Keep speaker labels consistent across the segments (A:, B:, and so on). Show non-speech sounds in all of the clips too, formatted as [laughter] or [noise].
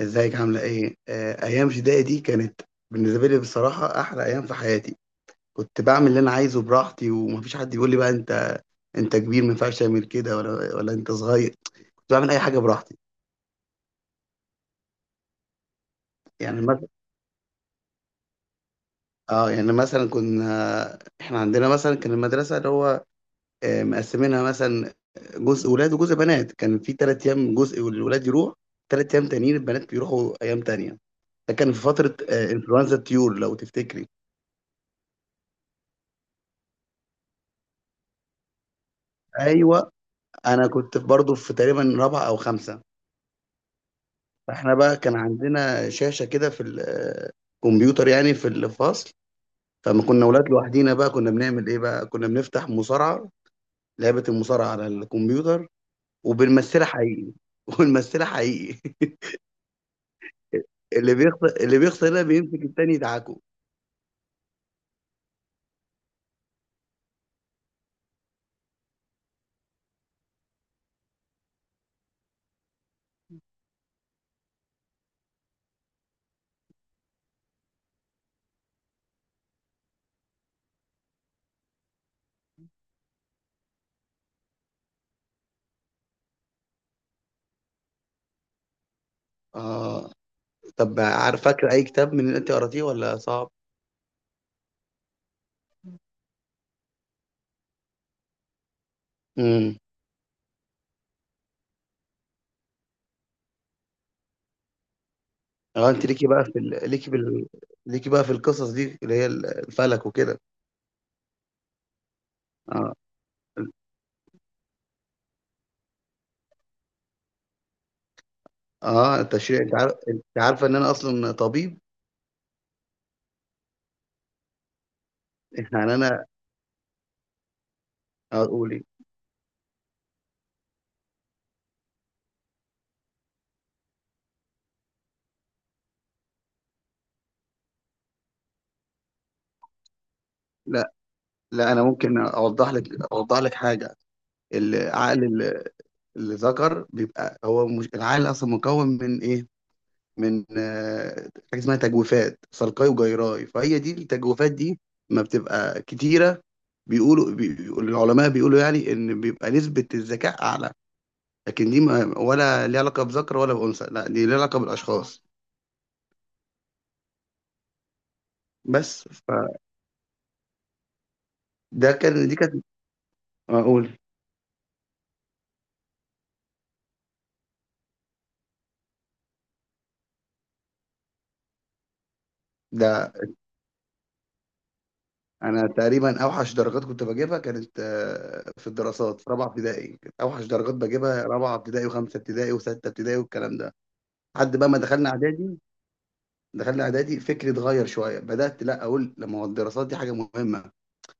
A: ازيك عاملة ايه؟ ايام ابتدائي دي كانت بالنسبة لي بصراحة احلى ايام في حياتي. كنت بعمل اللي انا عايزه براحتي ومفيش حد يقول لي بقى انت كبير ما ينفعش تعمل كده ولا انت صغير. كنت بعمل اي حاجة براحتي. يعني مثلا، اه يعني مثلا كنا احنا عندنا مثلا كان المدرسة اللي هو مقسمينها مثلا جزء ولاد وجزء بنات، كان في تلات ايام جزء الولاد يروح، تلات ايام تانيين البنات بيروحوا ايام تانية. ده كان في فترة انفلونزا الطيور، لو تفتكري. ايوه، انا كنت برضه في تقريبا رابعه او خمسه. فاحنا بقى كان عندنا شاشه كده في الكمبيوتر يعني في الفصل، فما كنا اولاد لوحدينا بقى كنا بنعمل ايه؟ بقى كنا بنفتح مصارعه، لعبه المصارعه على الكمبيوتر، وبنمثلها حقيقي. [laughs] ونمثلها حقيقي. اللي بيخسر ده بيمسك التاني يدعكه. اه، طب عارف، فاكر اي كتاب من اللي انت قراتيه ولا صعب؟ امم، اه انت ليكي بقى في ال... ليكي بال... ليكي بقى في القصص دي اللي هي الفلك وكده. اه، اه التشريح، انت عارف، انت عارفه ان انا اصلا طبيب؟ يعني انا اقول ايه، لا لا، انا ممكن اوضح لك حاجه. العقل ال- الذكر بيبقى هو، مش العقل اصلا مكون من ايه؟ من حاجه اسمها تجويفات صلقاي وجيراي، فهي دي التجويفات دي ما بتبقى كتيره، بيقول العلماء، بيقولوا يعني ان بيبقى نسبه الذكاء اعلى. لكن دي ما ولا ليها علاقه بذكر ولا بانثى، لا دي ليها علاقه بالاشخاص. بس فده كان، دي كانت، اقول ده، انا تقريبا اوحش درجات كنت بجيبها كانت في الدراسات في رابعه ابتدائي، كانت اوحش درجات بجيبها رابعه ابتدائي وخمسه ابتدائي وسته ابتدائي والكلام ده، لحد بقى ما دخلنا اعدادي. دخلنا اعدادي فكري اتغير شويه، بدات لا اقول لما هو الدراسات دي حاجه مهمه،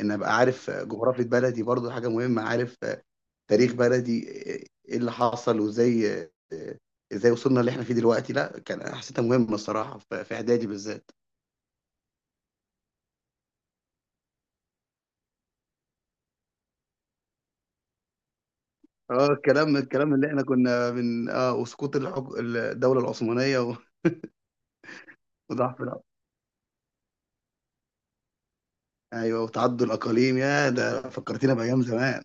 A: ان ابقى عارف جغرافيه بلدي برضو حاجه مهمه، عارف تاريخ بلدي، ايه اللي حصل وازاي، ازاي وصلنا اللي احنا فيه دلوقتي، لا كان حسيتها مهمه الصراحه في اعدادي بالذات. اه الكلام اللي احنا كنا من اه وسقوط الدولة العثمانية وضعف الع- ايوه، وتعدد الاقاليم، يا ده فكرتينا بايام زمان.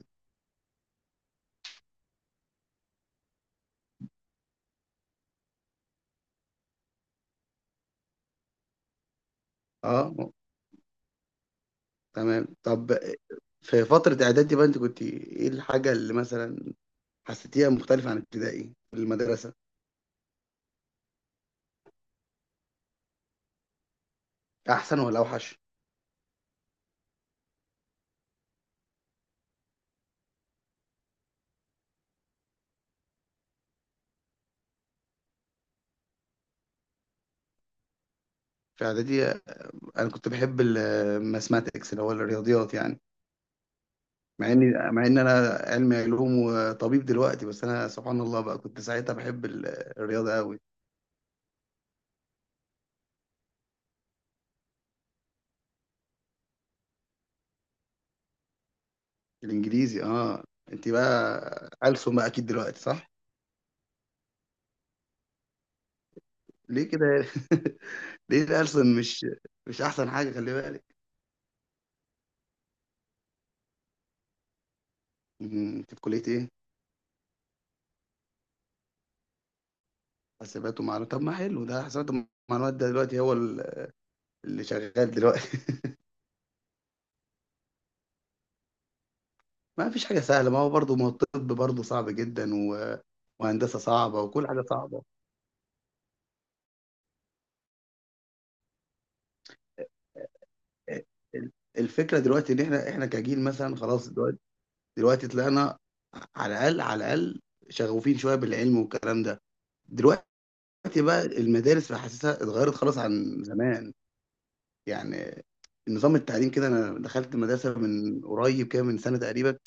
A: اه تمام، طب في فترة اعدادي بقى انت كنت ايه الحاجة اللي مثلا حسيتيها مختلفة عن ابتدائي في المدرسة؟ احسن ولا اوحش؟ في اعدادي انا كنت بحب الماثماتكس اللي هو الرياضيات يعني، مع ان انا علمي علوم وطبيب دلوقتي، بس انا سبحان الله بقى كنت ساعتها بحب الرياضة قوي. الانجليزي، اه انت بقى ألسن بقى اكيد دلوقتي، صح؟ ليه كده؟ [laughs] ليه ألسن مش مش احسن حاجه، خلي بالك. مم، انت في كليه ايه؟ حسابات ومعلومات؟ طب ما حلو، ده حسابات ومعلومات ده دلوقتي هو اللي شغال دلوقتي. [laughs] ما فيش حاجه سهله، ما هو برضه ما هو الطب برضه صعب جدا و... وهندسه صعبه وكل حاجه صعبه. آه، ال- الفكره دلوقتي ان احنا كجيل مثلا، خلاص دلوقتي دلوقتي طلعنا، على الاقل على الاقل شغوفين شويه بالعلم والكلام ده. دلوقتي دلوقتي بقى المدارس بحسسها اتغيرت خلاص عن زمان، يعني النظام التعليم كده. انا دخلت مدرسه من قريب كده من سنه تقريبا،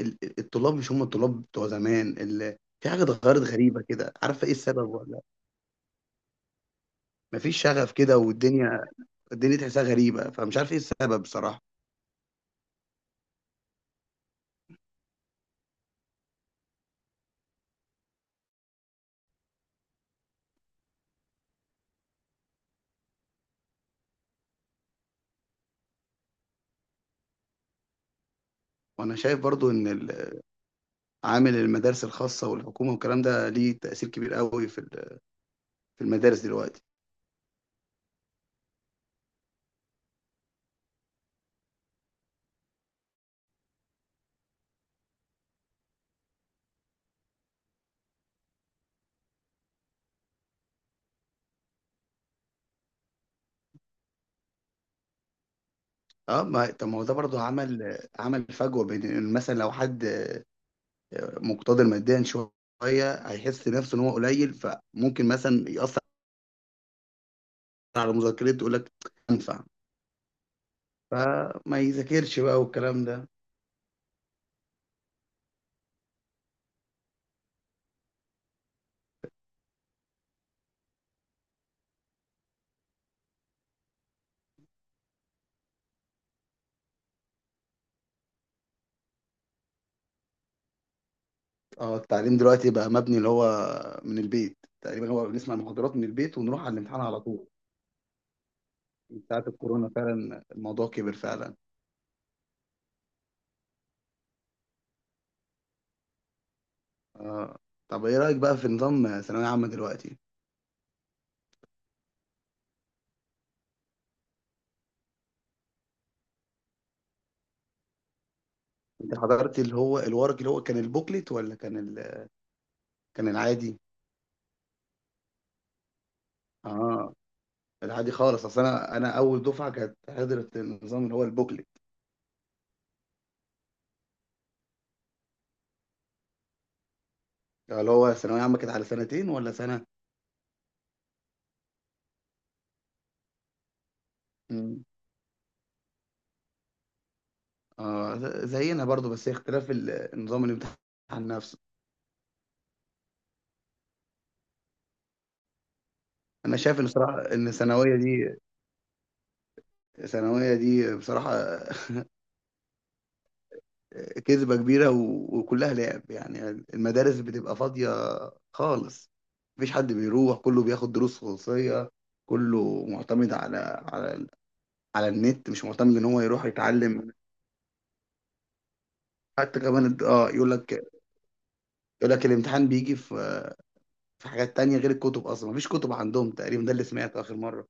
A: الطلاب مش هم الطلاب بتوع زمان، في حاجه اتغيرت غريبه كده، عارفه ايه السبب ولا؟ مفيش شغف كده، والدنيا الدنيا تحسها غريبه، فمش عارف ايه السبب بصراحه. وانا شايف برضو ان عامل المدارس الخاصه والحكومه والكلام ده ليه تاثير كبير قوي في في المدارس دلوقتي. اه ما طب ما هو ده برضو عمل فجوه، بين مثلا لو حد مقتدر ماديا شويه، هيحس نفسه ان هو قليل، فممكن مثلا ياثر على مذاكرته، يقول لك انفع، فما يذاكرش بقى والكلام ده. اه التعليم دلوقتي بقى مبني اللي هو من البيت تقريبا، هو بنسمع المحاضرات من البيت ونروح على الامتحان على طول. من ساعة الكورونا فعلا الموضوع كبر فعلا. آه. طب ايه رأيك بقى في نظام ثانوية عامة دلوقتي؟ انت حضرت اللي هو الورق، اللي هو كان البوكلت ولا كان ال... كان العادي؟ اه، العادي خالص. اصل انا اول دفعه كانت حضرت النظام اللي هو البوكلت. اللي هو ثانويه عامه كانت على سنتين ولا سنه؟ مم. آه زينا برضو، بس هي اختلاف النظام الامتحان نفسه. انا شايف ان صراحه ان الثانويه دي، الثانويه دي بصراحه [laughs] كذبه كبيره وكلها لعب، يعني المدارس بتبقى فاضيه خالص، مفيش حد بيروح، كله بياخد دروس خصوصيه، كله معتمد على، على، على النت، مش معتمد ان هو يروح يتعلم. حتى كمان اه يقول لك الامتحان بيجي في في حاجات تانية غير الكتب، اصلا مفيش كتب عندهم تقريبا، ده اللي سمعته اخر مرة.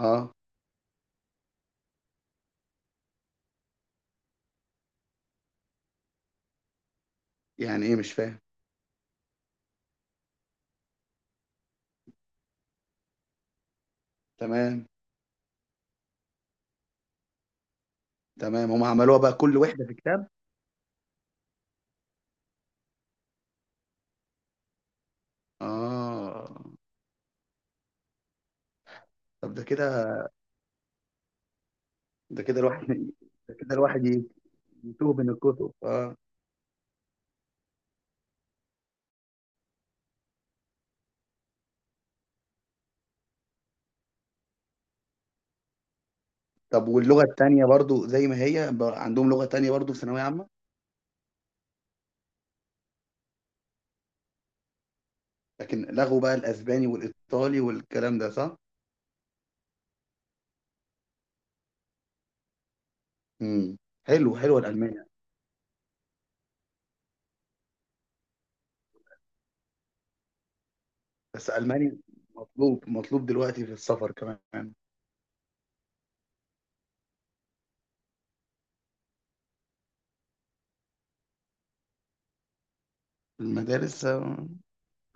A: اه يعني ايه؟ مش فاهم. تمام، تمام هم عملوها بقى كل وحدة في كتاب. اه، طب ده كده، ده كده الواحد ده كده الواحد يتوه من الكتب، اه. طب واللغة التانية برضو زي ما هي عندهم لغة تانية برضو في ثانوية عامة؟ لكن لغوا بقى الاسباني والايطالي والكلام ده، صح؟ امم، حلو، حلوة الالمانية. بس الماني مطلوب دلوقتي في السفر كمان. المدارس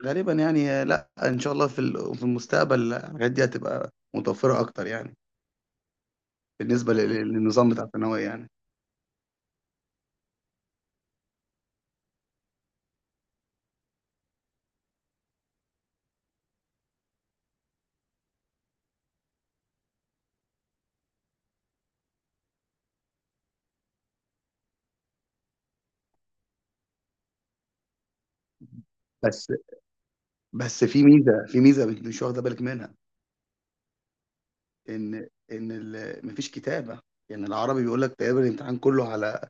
A: غالبا يعني، لا ان شاء الله في في المستقبل الحاجات دي هتبقى متوفره اكتر يعني، بالنسبه للنظام بتاع الثانويه يعني. بس بس في ميزه مش واخده بالك منها، ان ان مفيش كتابه، يعني العربي بيقول لك تقريبا الامتحان كله على،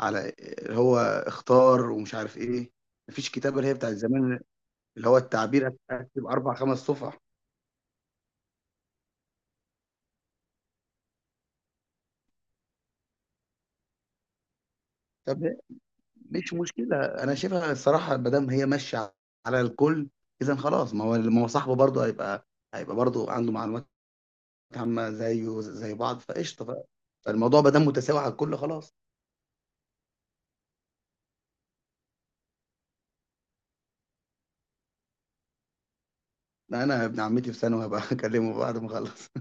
A: على اللي هو اختار ومش عارف ايه، مفيش كتابه اللي هي بتاعت زمان، اللي هو التعبير هتبقى اربع خمس صفح. مش مشكلة، أنا شايفها الصراحة ما دام هي ماشية على الكل، إذا خلاص ما هو صاحبه برضه هيبقى هيبقى برضه عنده معلومات عامة، زيه زي بعض فقشطة، فالموضوع ما دام متساوي على الكل خلاص. لا، أنا ابن عمتي في ثانوي، هبقى [laughs] أكلمه بعد ما أخلص [laughs]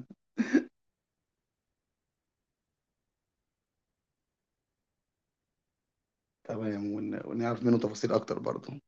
A: تمام. ونعرف منه تفاصيل أكتر برضه.